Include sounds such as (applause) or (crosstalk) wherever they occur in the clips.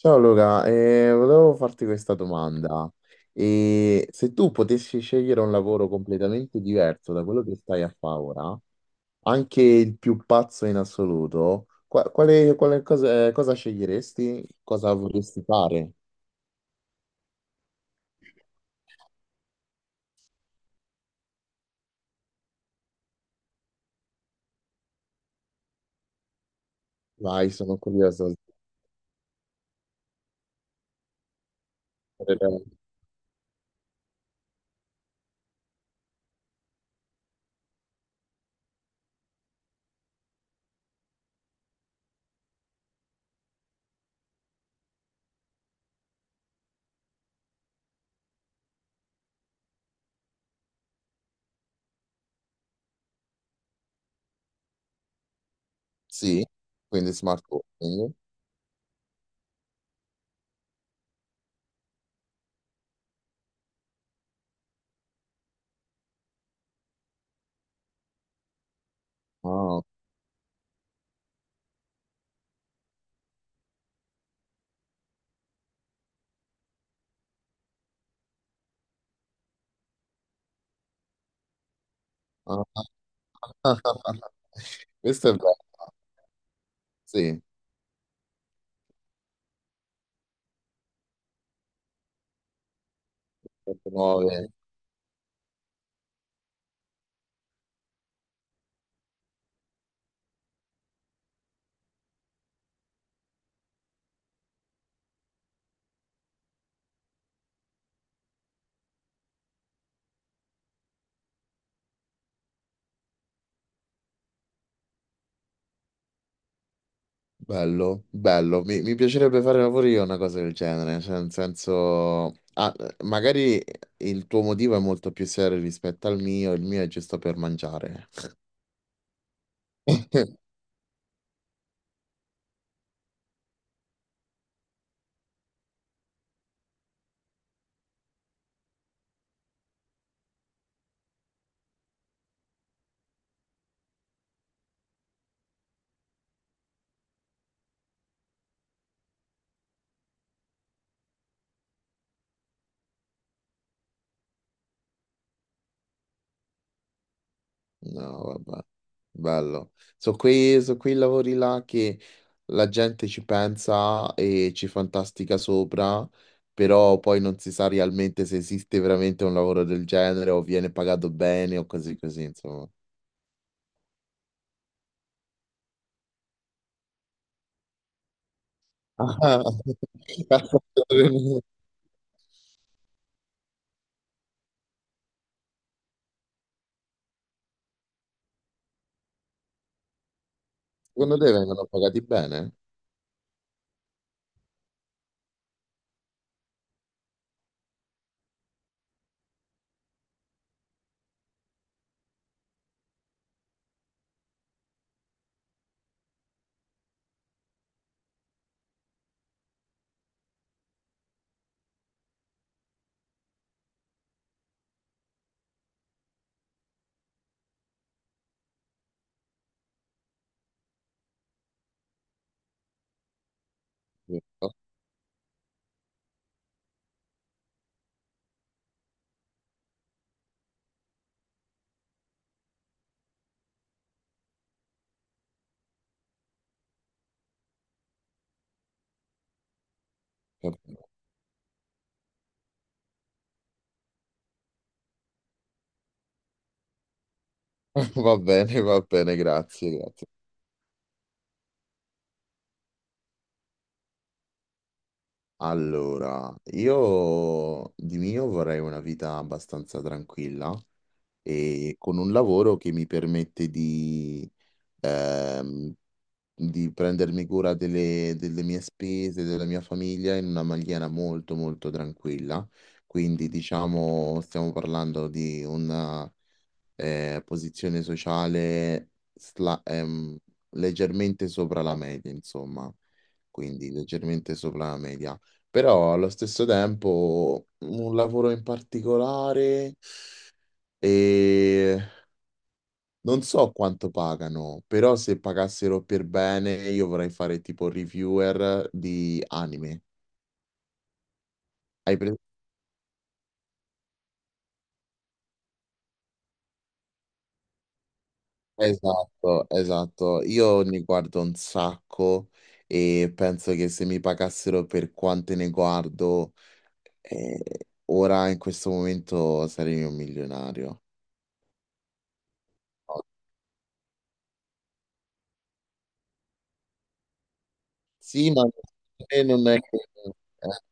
Ciao Luca, volevo farti questa domanda. E se tu potessi scegliere un lavoro completamente diverso da quello che stai a fare ora, anche il più pazzo in assoluto, quale cosa, cosa sceglieresti? Cosa vorresti fare? Vai, sono curioso. (laughs) Sì, quindi smart working. Ah, ah. (laughs) Questo è bello. Sì, cose nuove. Bello, bello. Mi piacerebbe fare pure io una cosa del genere, cioè nel senso, ah, magari il tuo motivo è molto più serio rispetto al mio, il mio è giusto per mangiare. (laughs) No, vabbè, bello. Sono so quei lavori là che la gente ci pensa e ci fantastica sopra, però poi non si sa realmente se esiste veramente un lavoro del genere o viene pagato bene o così così, insomma. Ah. (laughs) Secondo te vengono pagati bene? Giusto? (laughs) Va bene, grazie, grazie. Allora, io di mio vorrei una vita abbastanza tranquilla e con un lavoro che mi permette ehm, di prendermi cura delle mie spese, della mia famiglia in una maniera molto tranquilla. Quindi, diciamo, stiamo parlando di un posizione sociale leggermente sopra la media, insomma, quindi leggermente sopra la media. Però allo stesso tempo un lavoro in particolare e non so quanto pagano, però se pagassero per bene io vorrei fare tipo reviewer di anime. Hai esatto, esatto. Io ne guardo un sacco e penso che se mi pagassero per quante ne guardo, eh, ora in questo momento sarei un milionario. No, sì, ma non è che... eh,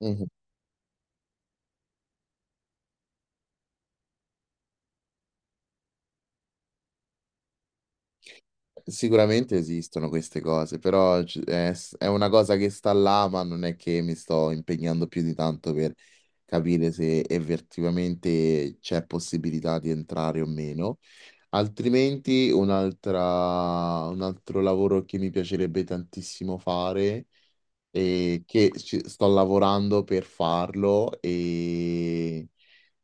mhm. Sicuramente esistono queste cose, però è una cosa che sta là, ma non è che mi sto impegnando più di tanto per capire se effettivamente c'è possibilità di entrare o meno. Altrimenti un altro lavoro che mi piacerebbe tantissimo fare e che sto lavorando per farlo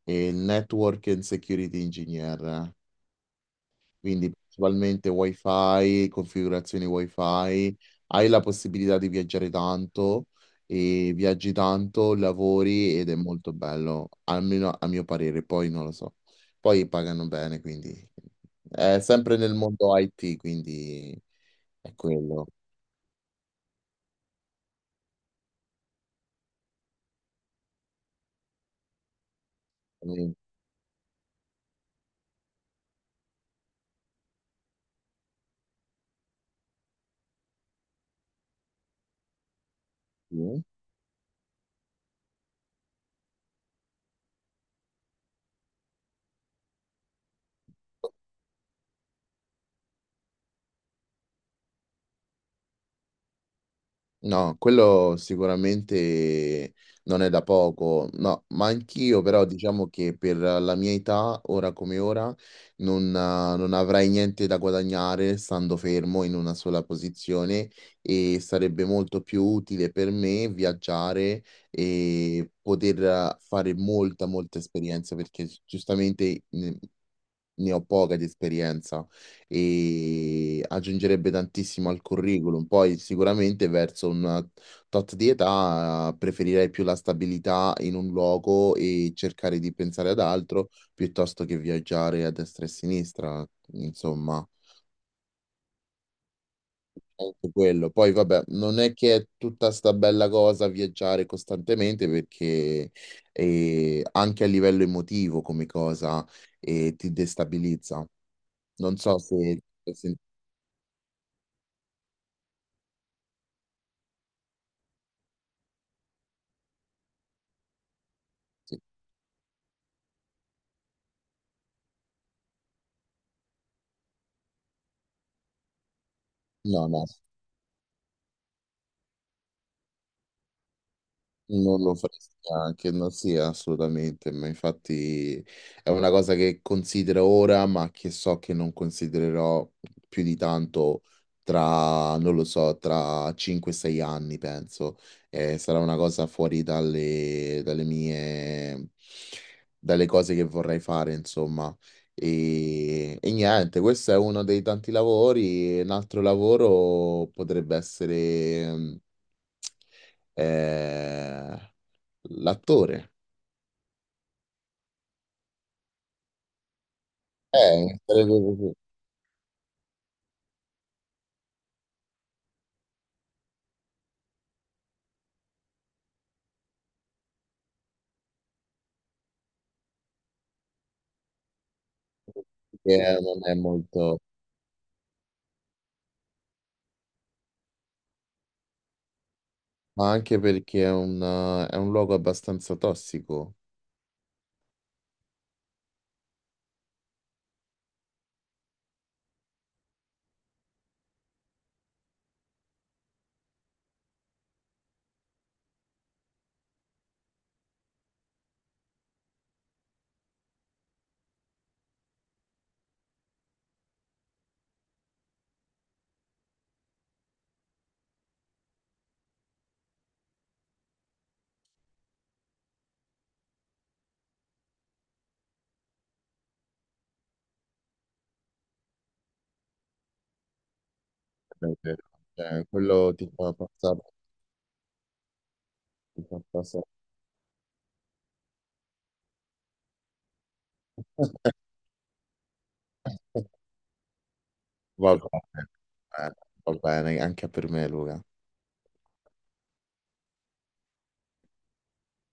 e il Network and Security Engineer, quindi principalmente wifi, configurazioni wifi, hai la possibilità di viaggiare tanto e viaggi tanto, lavori ed è molto bello, almeno a mio parere, poi non lo so. Poi pagano bene, quindi è sempre nel mondo IT, quindi è quello. No, quello sicuramente non è da poco, no, ma anch'io però diciamo che per la mia età, ora come ora, non avrei niente da guadagnare stando fermo in una sola posizione e sarebbe molto più utile per me viaggiare e poter fare molta esperienza perché giustamente ne ho poca di esperienza e aggiungerebbe tantissimo al curriculum. Poi sicuramente verso un tot di età preferirei più la stabilità in un luogo e cercare di pensare ad altro piuttosto che viaggiare a destra e a sinistra, insomma. Anche quello. Poi vabbè, non è che è tutta sta bella cosa viaggiare costantemente perché anche a livello emotivo come cosa ti destabilizza. Non so se sì. No, no, non lo farei neanche, non sia assolutamente, ma infatti è una cosa che considero ora, ma che so che non considererò più di tanto tra, non lo so, tra 5-6 anni, penso. Sarà una cosa fuori dalle dalle cose che vorrei fare, insomma. E niente, questo è uno dei tanti lavori. Un altro lavoro potrebbe essere... eh, l'attore. Sarebbe così. Che non è molto... ma anche perché è è un luogo abbastanza tossico. È vero. Cioè, quello ti fa passare... Ti fa passare. (laughs) Va bene, eh, va bene, anche per me, Luca.